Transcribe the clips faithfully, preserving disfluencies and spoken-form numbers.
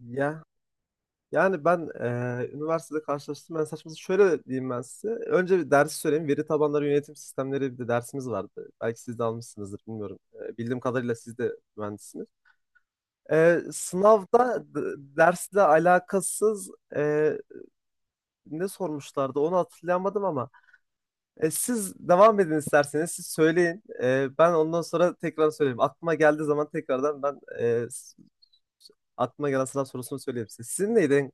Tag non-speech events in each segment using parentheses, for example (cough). Ya yani ben eee, üniversitede karşılaştım. Ben saçması şöyle diyeyim ben size. Önce bir dersi söyleyeyim. Veri tabanları yönetim sistemleri bir de dersimiz vardı. Belki siz de almışsınızdır bilmiyorum. Eee, bildiğim kadarıyla siz de mühendissiniz. Eee, sınavda d- dersle alakasız eee, ne sormuşlardı onu hatırlayamadım ama e, siz devam edin isterseniz siz söyleyin. Eee, ben ondan sonra tekrar söyleyeyim. Aklıma geldiği zaman tekrardan ben eee, s- aklıma gelen sınav sorusunu söyleyeyim size. Sizin neyden en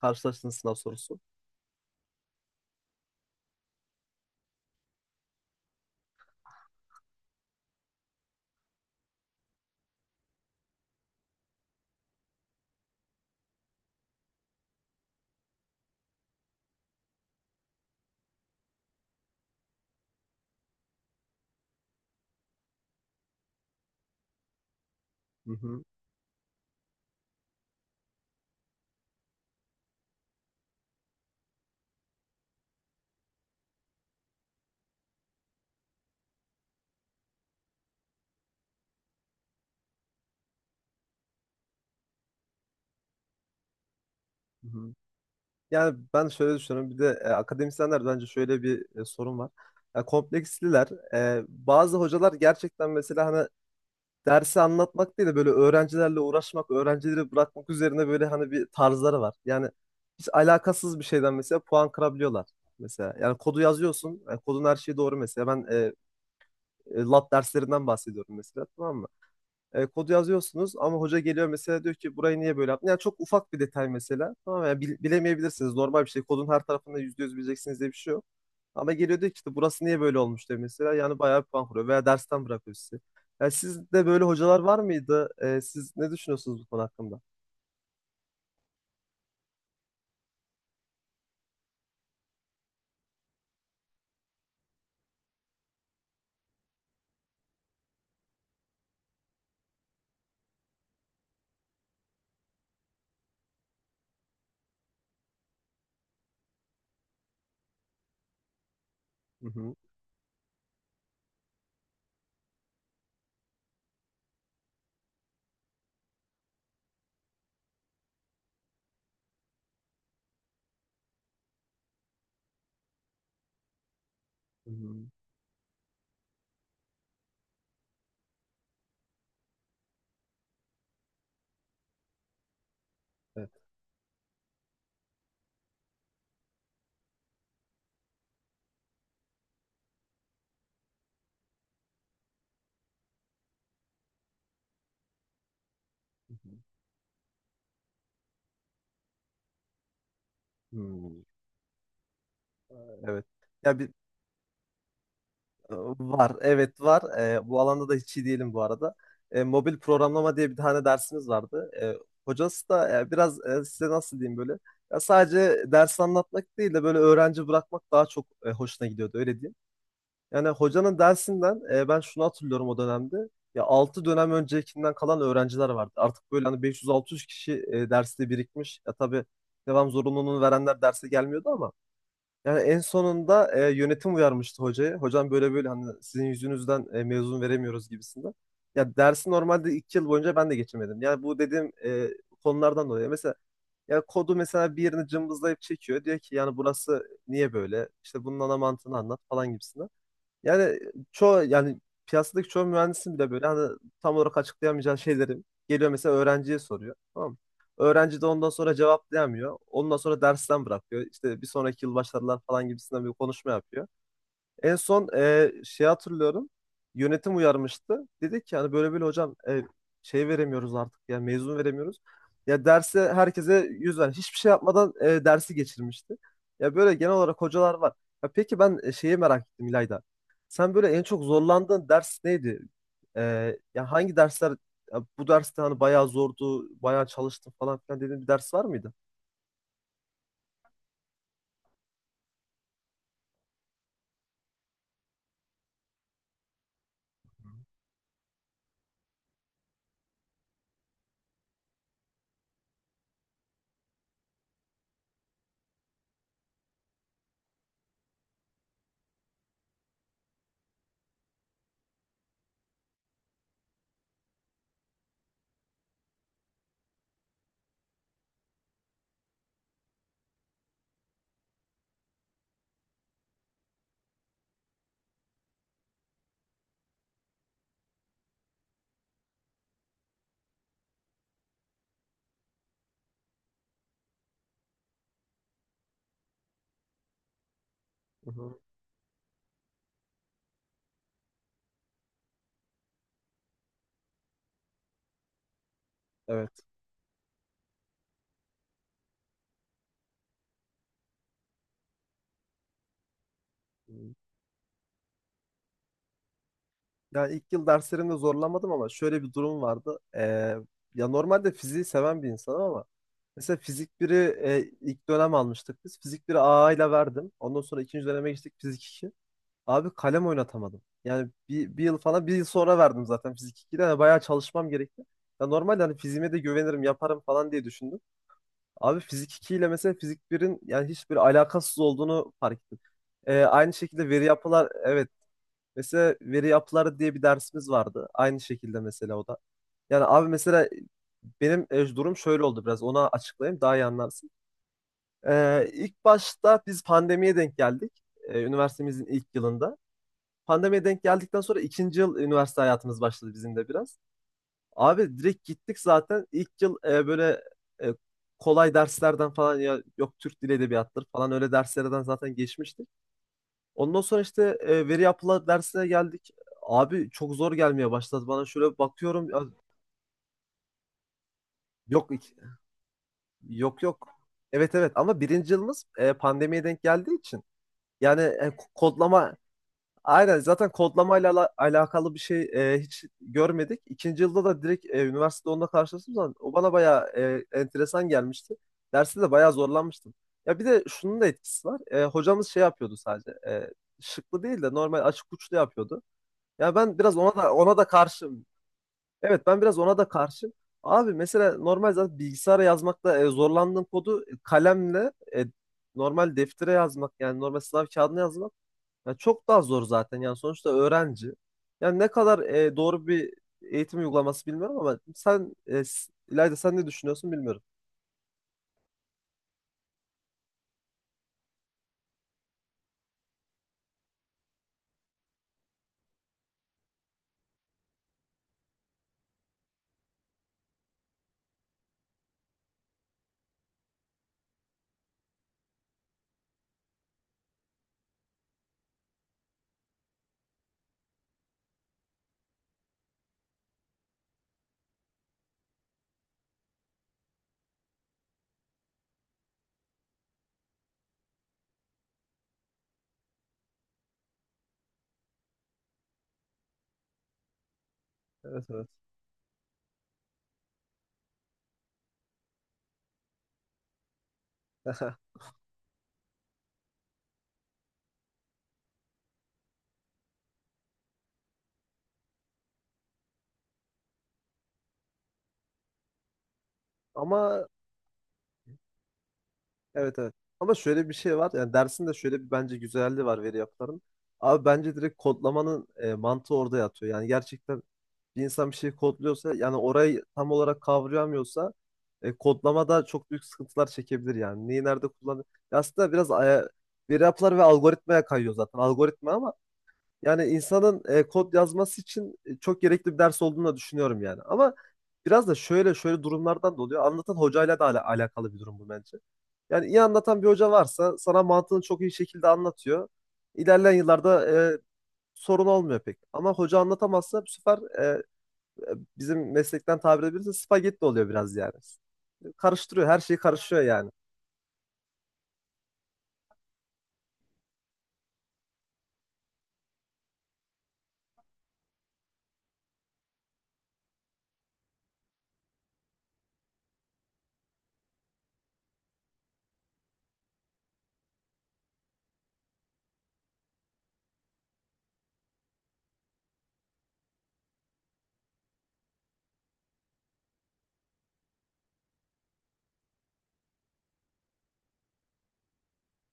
karşılaştığınız sınav sorusu? Hı hı. Hı hı. Yani ben şöyle düşünüyorum. Bir de e, akademisyenler bence şöyle bir e, sorun var. Ya kompleksliler. E, bazı hocalar gerçekten mesela hani dersi anlatmak değil de böyle öğrencilerle uğraşmak, öğrencileri bırakmak üzerine böyle hani bir tarzları var. Yani hiç alakasız bir şeyden mesela puan kırabiliyorlar. Mesela yani kodu yazıyorsun, yani kodun her şeyi doğru mesela. Ben e, e, lat derslerinden bahsediyorum mesela tamam mı? E, kodu yazıyorsunuz ama hoca geliyor mesela diyor ki burayı niye böyle yaptın? Yani çok ufak bir detay mesela. Tamam yani bil- bilemeyebilirsiniz. Normal bir şey. Kodun her tarafında yüzde yüz bileceksiniz diye bir şey yok. Ama geliyor diyor ki işte burası niye böyle olmuş diyor mesela. Yani bayağı bir puan kırıyor veya dersten bırakıyor sizi. Yani sizde böyle hocalar var mıydı? E, siz ne düşünüyorsunuz bu konu hakkında? Hı hı. Hı hı. Evet. Hı hı. Hı. Evet. Ya bi- Ee, var, evet var. Ee, bu alanda da hiç iyi değilim bu arada. Ee, mobil programlama diye bir tane dersimiz vardı. Ee, hocası da e, biraz e, size nasıl diyeyim böyle. Ya sadece ders anlatmak değil de böyle öğrenci bırakmak daha çok e, hoşuna gidiyordu öyle diyeyim. Yani hocanın dersinden e, ben şunu hatırlıyorum o dönemde. Ya altı dönem öncekinden kalan öğrenciler vardı. Artık böyle hani beş yüz altı yüz kişi e, derste birikmiş. Ya tabii devam zorunluluğunu verenler derse gelmiyordu ama. Yani en sonunda e, yönetim uyarmıştı hocayı. Hocam böyle böyle hani sizin yüzünüzden e, mezun veremiyoruz gibisinden. Ya dersi normalde iki yıl boyunca ben de geçemedim. Yani bu dediğim e, konulardan dolayı. Mesela ya kodu mesela bir yerini cımbızlayıp çekiyor. Diyor ki yani burası niye böyle? İşte bunun ana mantığını anlat falan gibisinden. Yani çoğu yani piyasadaki çoğu mühendisin bile böyle hani tam olarak açıklayamayacağı şeyleri geliyor mesela öğrenciye soruyor. Tamam mı? Öğrenci de ondan sonra cevaplayamıyor. Ondan sonra dersten bırakıyor. İşte bir sonraki yıl başlarlar falan gibisinden bir konuşma yapıyor. En son e, şey hatırlıyorum. Yönetim uyarmıştı. Dedi ki hani böyle böyle hocam e, şey veremiyoruz artık ya mezun veremiyoruz. Ya derse herkese yüz ver. Hiçbir şey yapmadan e, dersi geçirmişti. Ya böyle genel olarak hocalar var. Ya peki ben e, şeyi merak ettim İlayda. Sen böyle en çok zorlandığın ders neydi? E, ya hangi dersler ya bu derste hani bayağı zordu, bayağı çalıştım falan filan dediğin bir ders var mıydı? Hı hı. Evet. Yani ilk yıl derslerimde zorlanmadım ama şöyle bir durum vardı. Ee, ya normalde fiziği seven bir insanım ama mesela fizik biri e, ilk dönem almıştık biz. Fizik biri A A ile verdim. Ondan sonra ikinci döneme geçtik fizik iki. Abi kalem oynatamadım. Yani bir, bir yıl falan bir yıl sonra verdim zaten fizik iki'de. Yani bayağı çalışmam gerekti. Ya normalde hani fiziğime de güvenirim yaparım falan diye düşündüm. Abi fizik iki ile mesela fizik birin yani hiçbir alakasız olduğunu fark ettim. Ee, aynı şekilde veri yapılar, evet. Mesela veri yapıları diye bir dersimiz vardı. Aynı şekilde mesela o da. Yani abi mesela benim e, durum şöyle oldu biraz. Ona açıklayayım daha iyi anlarsın. Ee, ilk başta biz pandemiye denk geldik. Ee, üniversitemizin ilk yılında. Pandemiye denk geldikten sonra ikinci yıl üniversite hayatımız başladı bizim de biraz. Abi direkt gittik zaten. İlk yıl e, böyle e, kolay derslerden falan ya yok Türk Dili Edebiyatı'dır falan öyle derslerden zaten geçmiştik. Ondan sonra işte e, veri yapıla dersine geldik. Abi çok zor gelmeye başladı bana. Şöyle bakıyorum, ya. Yok, ik- yok, yok. Evet evet, ama birinci yılımız e, pandemiye denk geldiği için. Yani e, ko- kodlama, aynen, zaten kodlamayla ala- alakalı bir şey e, hiç görmedik. İkinci yılda da direkt e, üniversitede onunla karşılaştığım zaman o bana bayağı e, enteresan gelmişti. Derste de bayağı zorlanmıştım. Ya bir de şunun da etkisi var. E, hocamız şey yapıyordu sadece. E, şıklı değil de normal açık uçlu yapıyordu. Ya ben biraz ona da ona da karşım. Evet, ben biraz ona da karşım. Abi mesela normal zaten bilgisayara yazmakta e, zorlandığın kodu e, kalemle e, normal deftere yazmak, yani normal sınav kağıdına yazmak ya çok daha zor zaten. Yani sonuçta öğrenci. Yani ne kadar e, doğru bir eğitim uygulaması bilmiyorum ama sen e, s- İlayda sen ne düşünüyorsun bilmiyorum. Evet, evet. (laughs) Ama. Evet, evet. Ama şöyle bir şey var. Yani dersin de şöyle bir, bence, güzelliği var veri yapıların. Abi bence direkt kodlamanın e, mantığı orada yatıyor. Yani gerçekten bir insan bir şey kodluyorsa, yani orayı tam olarak kavrayamıyorsa e, kodlamada çok büyük sıkıntılar çekebilir yani. Neyi nerede kullanır? Ya aslında biraz aya, veri yapılar ve algoritmaya kayıyor zaten. Algoritma, ama yani insanın e, kod yazması için e, çok gerekli bir ders olduğunu da düşünüyorum yani. Ama biraz da şöyle şöyle durumlardan da oluyor. Anlatan hocayla da ala- alakalı bir durum bu bence. Yani iyi anlatan bir hoca varsa sana mantığını çok iyi şekilde anlatıyor. İlerleyen yıllarda e, sorun olmuyor pek. Ama hoca anlatamazsa bu sefer e, e, bizim meslekten tabir edebilirse spagetti oluyor biraz yani. Karıştırıyor, her şey karışıyor yani.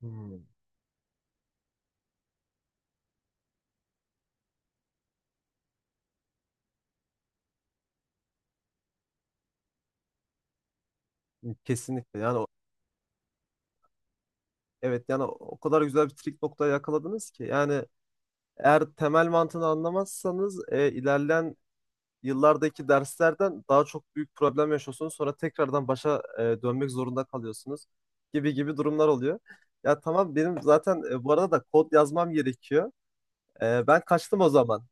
Hmm, kesinlikle. Yani o- evet, yani o o kadar güzel bir trik noktaya yakaladınız ki yani. Eğer temel mantığını anlamazsanız e, ilerleyen yıllardaki derslerden daha çok büyük problem yaşıyorsunuz. Sonra tekrardan başa e, dönmek zorunda kalıyorsunuz gibi gibi durumlar oluyor. Ya tamam, benim zaten e, bu arada da kod yazmam gerekiyor. E, ben kaçtım o zaman.